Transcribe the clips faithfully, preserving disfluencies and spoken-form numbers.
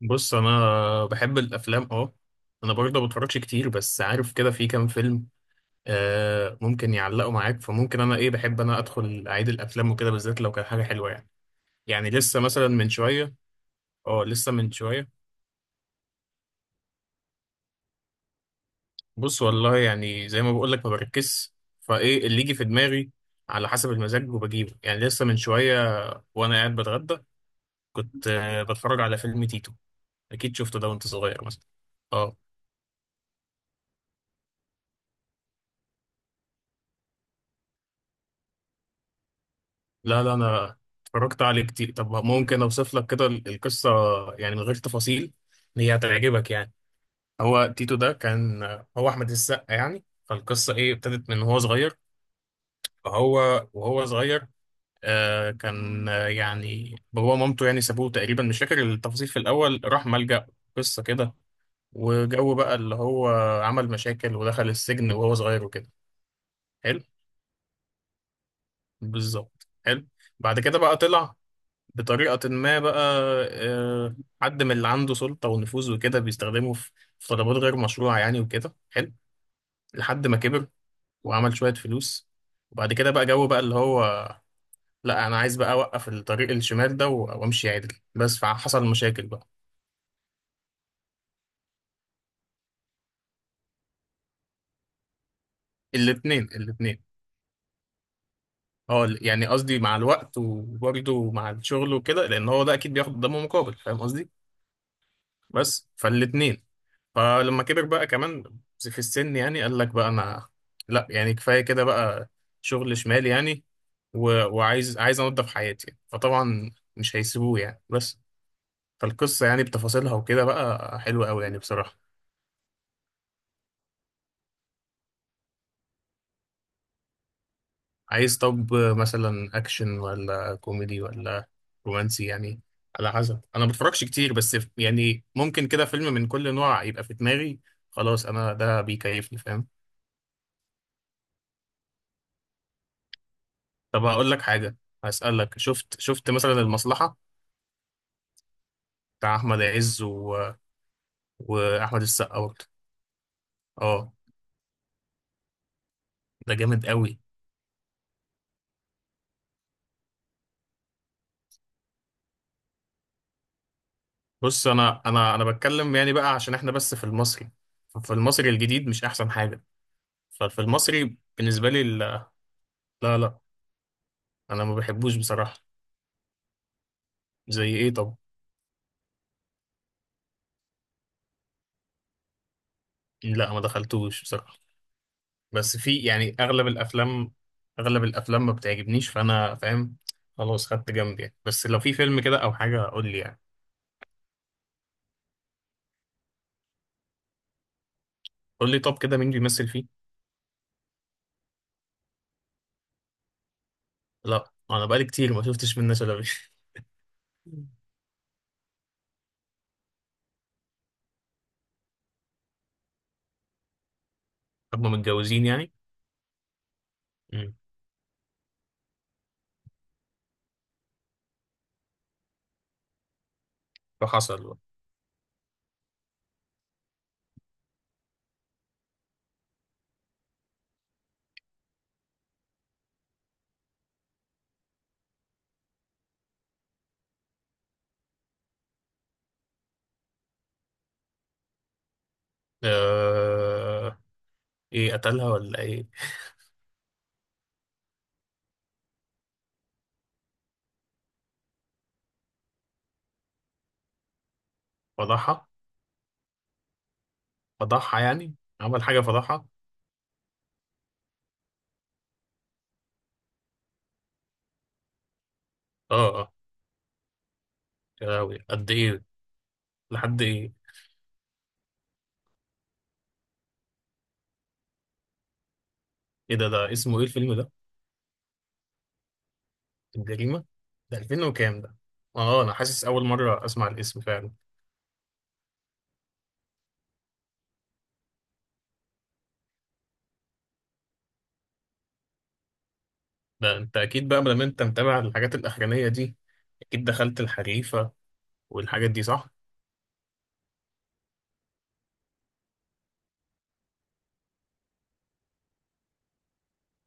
بص، انا بحب الافلام. اه، انا برضه ما بتفرجش كتير، بس عارف كده في كام فيلم آه ممكن يعلقوا معاك. فممكن انا ايه، بحب انا ادخل اعيد الافلام وكده، بالذات لو كان حاجه حلوه يعني يعني لسه مثلا من شويه. اه، لسه من شويه. بص، والله يعني زي ما بقول لك ما بركزش، فايه اللي يجي في دماغي على حسب المزاج وبجيبه. يعني لسه من شويه، وانا قاعد بتغدى كنت آه بتفرج على فيلم تيتو. اكيد شفته ده وانت صغير مثلا. اه، لا لا، انا اتفرجت عليه كتير. طب ممكن اوصف لك كده ال- القصه، يعني من غير تفاصيل، إن هي هتعجبك يعني. هو تيتو ده كان، هو احمد السقا يعني. فالقصه ايه؟ ابتدت من هو صغير، فهو وهو صغير آه كان آه، يعني بابا ومامته يعني سابوه تقريبا، مش فاكر التفاصيل، في الاول راح ملجأ. قصه كده. وجو بقى اللي هو عمل مشاكل ودخل السجن وهو صغير وكده. حلو، بالظبط حلو. بعد كده بقى طلع بطريقة ما بقى، آه، حد من اللي عنده سلطة ونفوذ وكده بيستخدمه في في طلبات غير مشروعة يعني وكده. حلو. لحد ما كبر وعمل شوية فلوس، وبعد كده بقى جو بقى اللي هو، لا أنا عايز بقى أوقف الطريق الشمال ده و- وأمشي عدل، بس فحصل مشاكل بقى. الاتنين، الاتنين. اه يعني، قصدي مع الوقت وبرضه مع الشغل وكده، لأن هو ده أكيد بياخد قدامه مقابل، فاهم قصدي. بس فالاتنين، فلما كبر بقى كمان في السن يعني قال لك بقى، انا لا، يعني كفايه كده بقى. شغل شمال يعني، و... وعايز عايز انضف حياتي، فطبعا مش هيسيبوه يعني. بس فالقصه يعني بتفاصيلها وكده بقى حلوه قوي يعني بصراحه. عايز طب مثلا اكشن ولا كوميدي ولا رومانسي يعني؟ على حسب، انا ما بتفرجش كتير بس ف- يعني ممكن كده فيلم من كل نوع يبقى في دماغي. خلاص، انا ده بيكيفني، فاهم. طب هقول لك حاجه، هسألك شفت، شفت مثلا المصلحه؟ بتاع احمد عز، و... واحمد السقا برضه. اه، ده جامد قوي. بص، انا انا انا بتكلم يعني بقى عشان احنا بس في المصري، في المصري الجديد مش احسن حاجه. ففي المصري بالنسبه لي، لا، لا لا. انا ما بحبوش بصراحه. زي ايه طب؟ لا، ما دخلتوش بصراحه. بس في يعني اغلب الافلام، اغلب الافلام ما بتعجبنيش، فانا فاهم. خلاص خدت جنب يعني. بس لو في فيلم كده او حاجه قول لي يعني. قول لي طب كده مين بيمثل فيه. لا انا بقالي كتير ما شفتش منة شلبي. هم متجوزين يعني؟ مم. فحصل بقى. آه، ايه قتلها ولا ايه؟ فضحها، فضحها يعني، عمل حاجة فضحها. اه، اه، يا لهوي، قد ايه؟ لحد ايه؟ ايه ده؟ ده اسمه ايه الفيلم ده؟ الجريمة. ده ألفين وكام ده؟ اه، انا حاسس اول مرة اسمع الاسم فعلا. ده انت اكيد بقى لما انت متابع الحاجات الاخرانية دي اكيد دخلت الحريفة والحاجات دي صح؟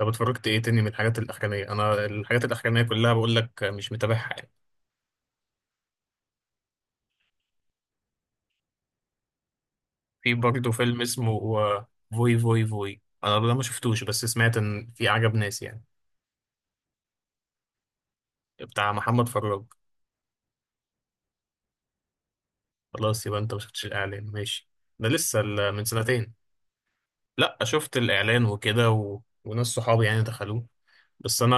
طب اتفرجت ايه تاني من الحاجات الاخرانية؟ انا الحاجات الاخرانية كلها بقول لك مش متابعها يعني. في برضه فيلم اسمه آه، فوي فوي فوي. انا ده ما شفتوش بس سمعت ان في عجب ناس يعني. بتاع محمد فراج. خلاص يبقى انت ما شفتش الاعلان، ماشي. ده لسه ال- من سنتين. لا، شفت الاعلان وكده، و... وناس صحابي يعني دخلوه. بس انا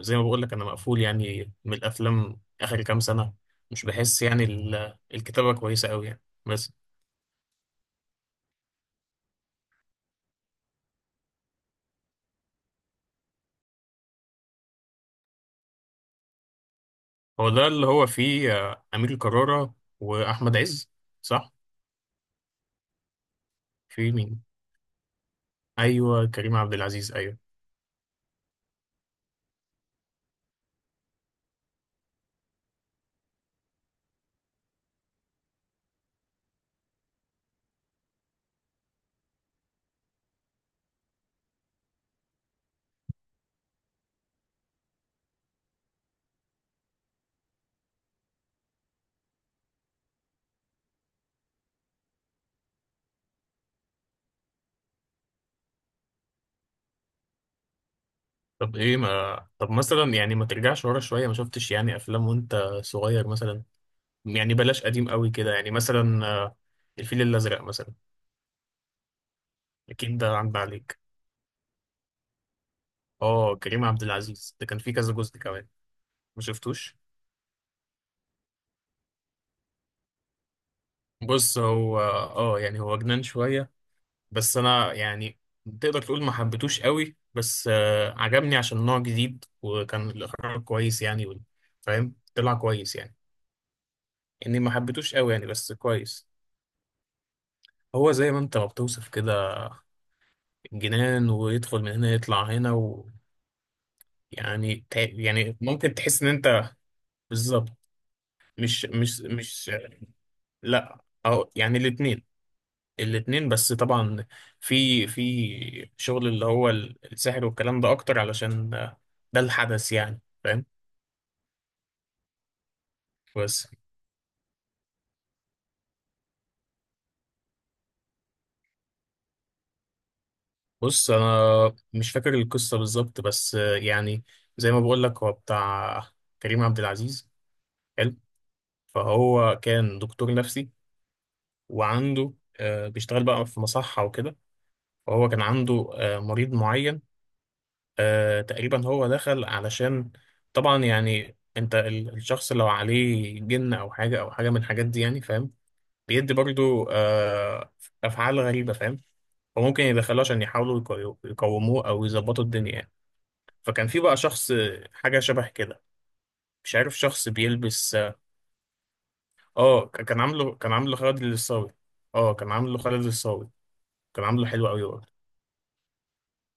زي ما بقول لك انا مقفول يعني من الافلام اخر كام سنه. مش بحس يعني ال- الكتابه كويسه قوي يعني بس. هو ده اللي هو فيه آه، امير كرارة واحمد عز؟ صح. في مين؟ ايوه، كريم عبد العزيز، ايوه. طب ايه ما، طب مثلا يعني ما ترجعش ورا شوية، ما شفتش يعني افلام وانت صغير مثلا؟ يعني بلاش قديم قوي كده، يعني مثلا آه، الفيل الازرق مثلا. اكيد ده عدى عليك. اه، كريم عبد العزيز ده كان فيه كذا جزء كمان. ما شفتوش. بص، هو اه يعني هو جنان شوية، بس انا يعني تقدر تقول ما حبيتوش قوي بس، آه، عجبني عشان نوع جديد، وكان الاخراج كويس يعني وال- فاهم، طلع كويس يعني. اني ما حبيتوش قوي يعني، بس كويس. هو زي ما انت ما بتوصف كده، جنان ويدخل من هنا يطلع هنا، ويعني تع- يعني ممكن تحس ان انت، بالظبط. مش مش مش، لا او يعني الاتنين، الاتنين، بس طبعا في في شغل اللي هو ال- السحر والكلام ده اكتر، علشان ده ده الحدث يعني، فاهم. بس، بص انا مش فاكر القصة بالظبط، بس يعني زي ما بقول لك هو بتاع كريم عبد العزيز، حلو. فهو كان دكتور نفسي، وعنده آه، بيشتغل بقى في مصحة وكده، وهو كان عنده آه، مريض معين. آه، تقريبا هو دخل علشان، طبعا يعني انت ال- الشخص لو عليه جن او حاجه او حاجه من الحاجات دي يعني، فاهم، بيدي برضو آه، افعال غريبه، فاهم. فممكن يدخلوه عشان يحاولوا يقو- يقوموه، او يظبطوا الدنيا يعني. فكان في بقى شخص آه، حاجه شبه كده، مش عارف، شخص بيلبس. اه، آه، ك- كان عامله، كان عامله خالد الصاوي. اه، كان عامله خالد الصاوي، كان عامله حلو قوي برضه.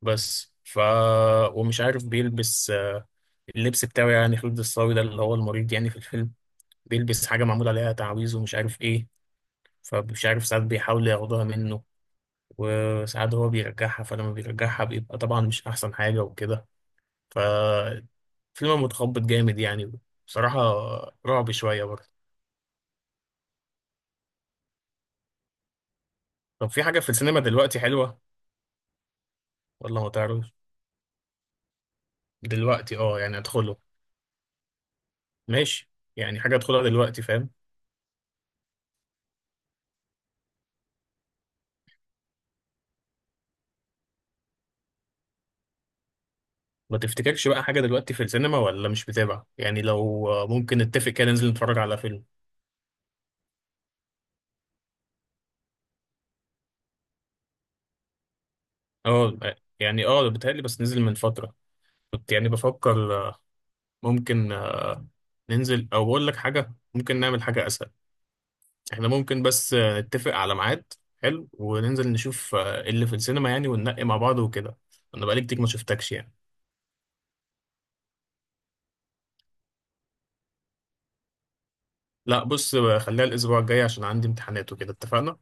بس ف، ومش عارف بيلبس آه، اللبس بتاعه يعني. خالد الصاوي ده اللي هو المريض يعني في الفيلم، بيلبس حاجة معمول عليها تعويذ ومش عارف ايه. فمش عارف، ساعات بيحاول ياخدوها منه، وساعات هو بيرجعها، فلما بيرجعها بيبقى طبعا مش أحسن حاجة وكده. ففيلم متخبط جامد يعني بصراحة، رعب شوية برضه. طب في حاجة في السينما دلوقتي حلوة ولا ما تعرفش؟ دلوقتي اه، يعني ادخله، ماشي، يعني حاجة ادخلها دلوقتي، فاهم. ما تفتكرش بقى حاجة دلوقتي في السينما، ولا مش بتابع؟ يعني لو ممكن نتفق كده، ننزل نتفرج على فيلم. اه، يعني اه بيتهيألي بس نزل من فترة. كنت يعني بفكر آه، ممكن آه، ننزل. او بقول لك حاجة، ممكن نعمل حاجة اسهل. احنا ممكن بس آه، نتفق على ميعاد، حلو، وننزل نشوف آه، اللي في السينما يعني، وننقي مع بعض وكده. انا بقالي كتير ما شفتكش يعني. لا بص، آه، خليها الاسبوع الجاي عشان عندي امتحانات وكده. اتفقنا.